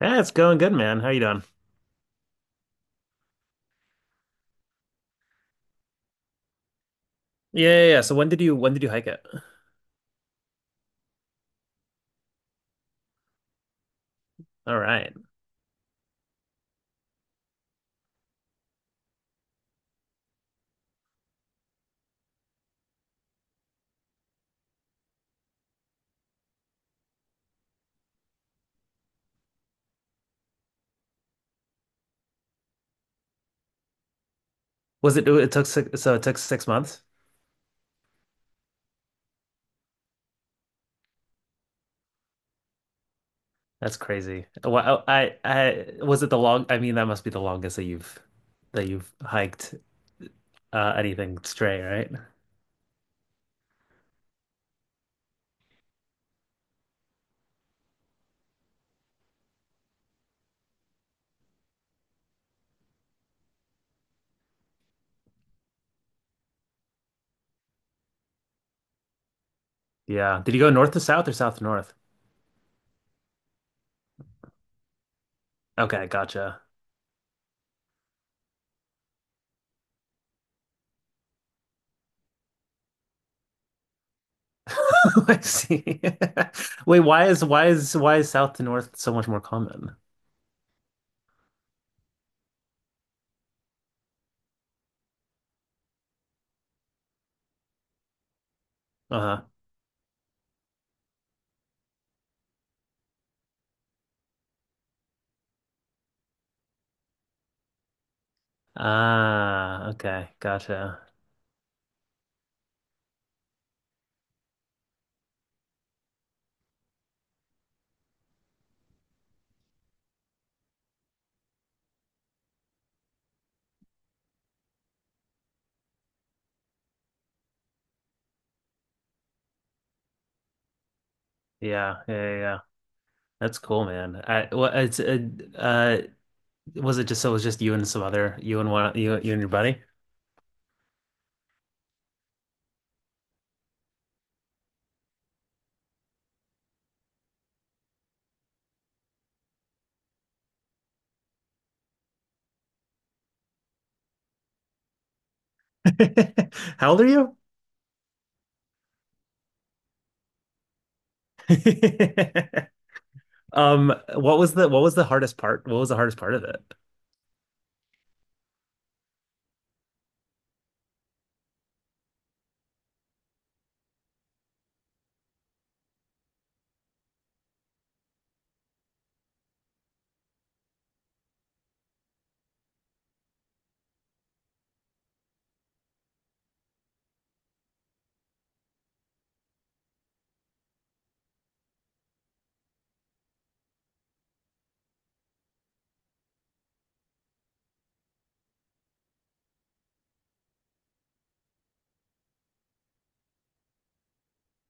Yeah, it's going good, man. How you doing? Yeah, yeah, yeah. So when did you hike it? All right. Was it it took six, so it took 6 months? That's crazy. Well, I was it the long I mean that must be the longest that you've hiked anything straight, right? Yeah. Did you go north to south or south to north? Okay, gotcha. I see. Wait, why is south to north so much more common? Uh-huh. Ah, okay, gotcha. Yeah, yeah, yeah, yeah. That's cool, man. I, well, it's uh, was it just so it was just you and some other you and one you you and your buddy? How old are you? Um, what was the hardest part? What was the hardest part of it?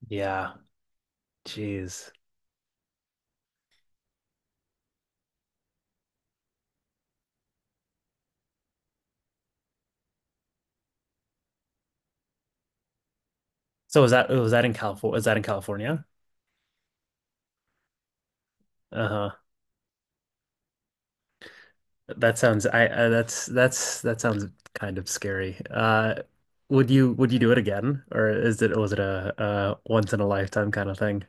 Yeah, jeez. So was that in California? Was that in California? Uh-huh. That sounds I that's that sounds kind of scary. Would you do it again, or is it was it a once in a lifetime kind of thing?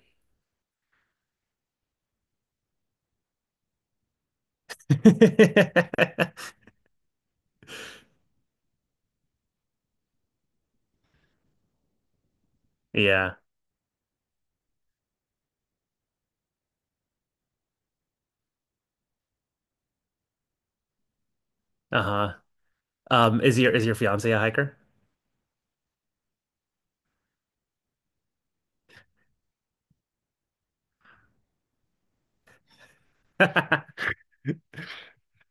Yeah. Uh-huh. Is your fiance a hiker?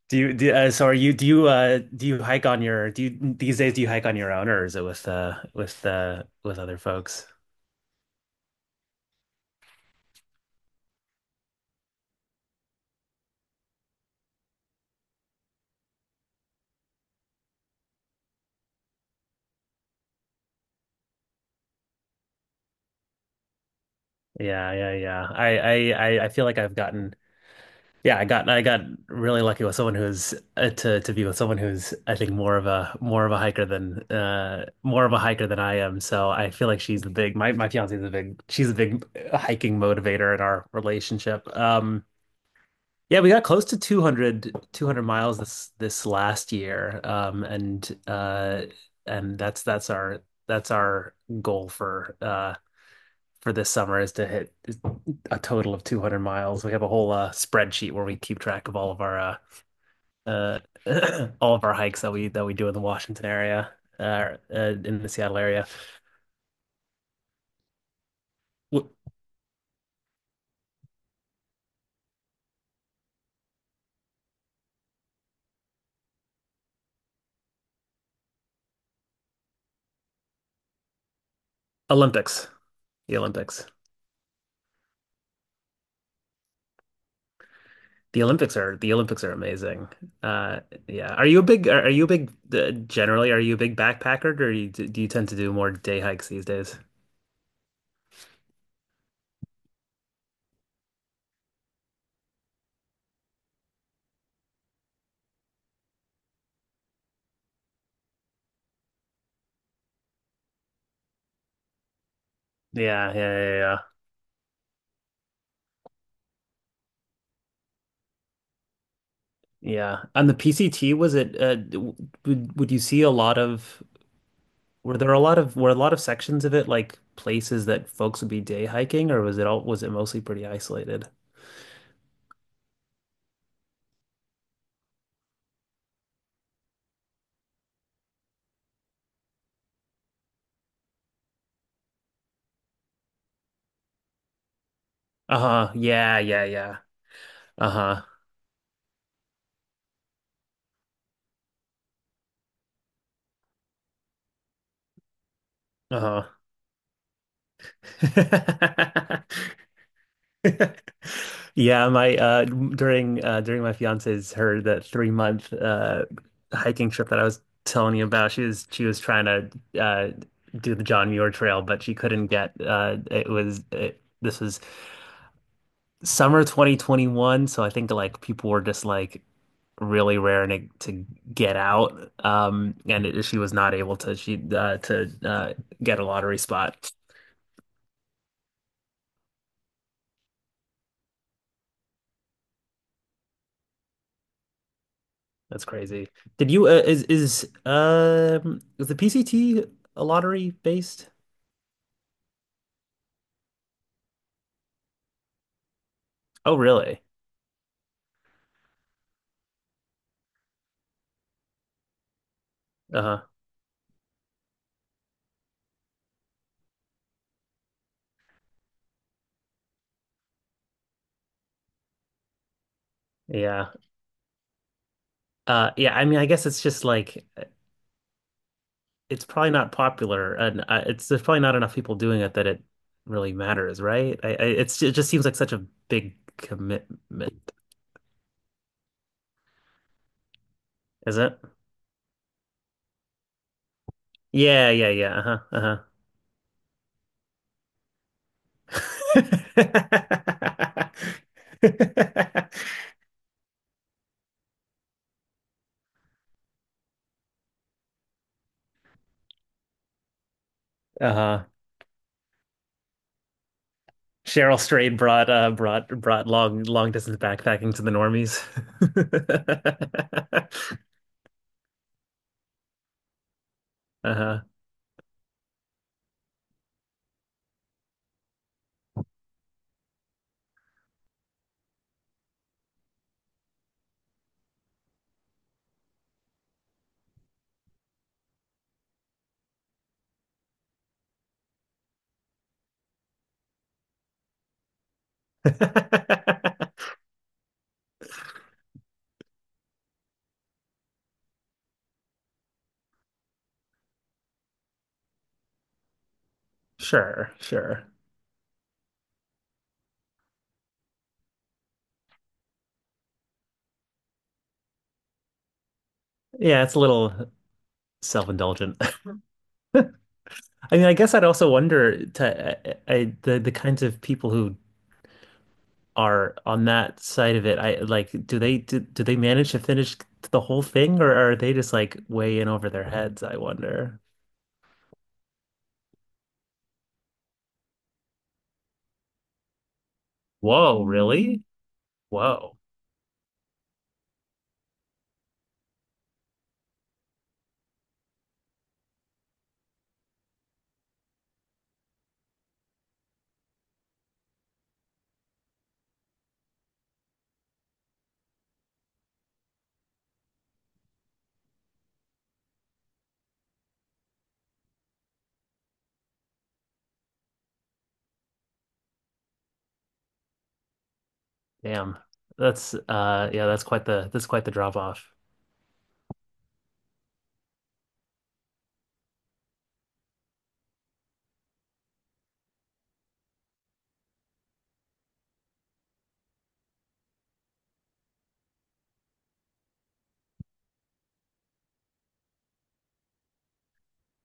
Do you do so are you do you do you hike on your do you these days, do you hike on your own, or is it with other folks? Yeah, yeah, yeah. I feel like I've gotten Yeah, I got really lucky with someone who's to be with someone who's, I think, more of a hiker than more of a hiker than I am. So I feel like she's the big my my fiance is a big, hiking motivator in our relationship. Yeah, we got close to two hundred miles this this last year. And that's our goal for this summer is to hit a total of 200 miles. We have a whole spreadsheet where we keep track of all of our uh, all of our hikes that we do in the Washington area, in the Seattle area. Olympics, the Olympics. The Olympics are amazing. Uh, yeah. Are you a big, generally are you a big backpacker, or do you tend to do more day hikes these days? Yeah, yeah, yeah, yeah. Yeah. On the PCT, was it w- would you see a lot of, were a lot of sections of it like places that folks would be day hiking, or was it mostly pretty isolated? Uh-huh. Yeah, yeah, yeah. Uh-huh. Uh-huh. Yeah, my during during my fiance's, her the 3 month hiking trip that I was telling you about, she was trying to do the John Muir Trail, but she couldn't get this was summer 2021, so I think like people were just like really raring to get out, she was not able to, she to get a lottery spot. That's crazy. Did you is the PCT a lottery based? Oh, really? Uh-huh. Yeah. Yeah, I mean, I guess it's just like it's probably not popular, and it's there's probably not enough people doing it that it really matters, right? I it's it just seems like such a big commitment, is it? Yeah, yeah, yeah. Uh-huh. Uh-huh. Uh-huh. Cheryl Strayed brought long long distance backpacking to the normies. Uh-huh. Sure, sure. Yeah, it's a little self-indulgent. I mean, I guess I'd also wonder to, I the kinds of people who are on that side of it. I like, do they do, do they manage to finish the whole thing, or are they just like way in over their heads, I wonder. Whoa, really? Whoa. Damn. That's yeah, that's quite the, that's quite the drop off.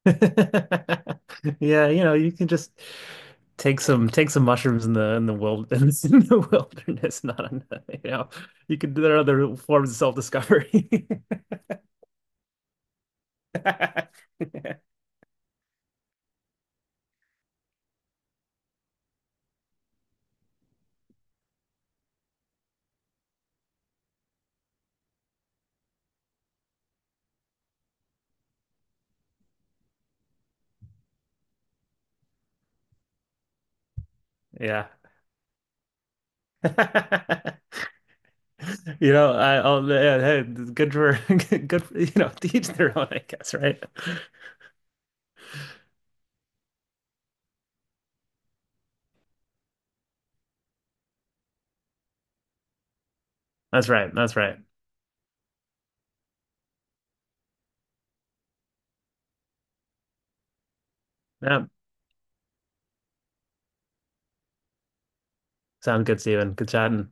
Yeah, you know, you can just take some mushrooms in the wilderness, in the wilderness, not in the, you know, you could, there are other forms of self-discovery. Yeah. You know, I yeah, hey, good for, good for, you know, to each their own, I guess, right? That's right. That's right. Yeah. Sounds good, Steven. Good chatting.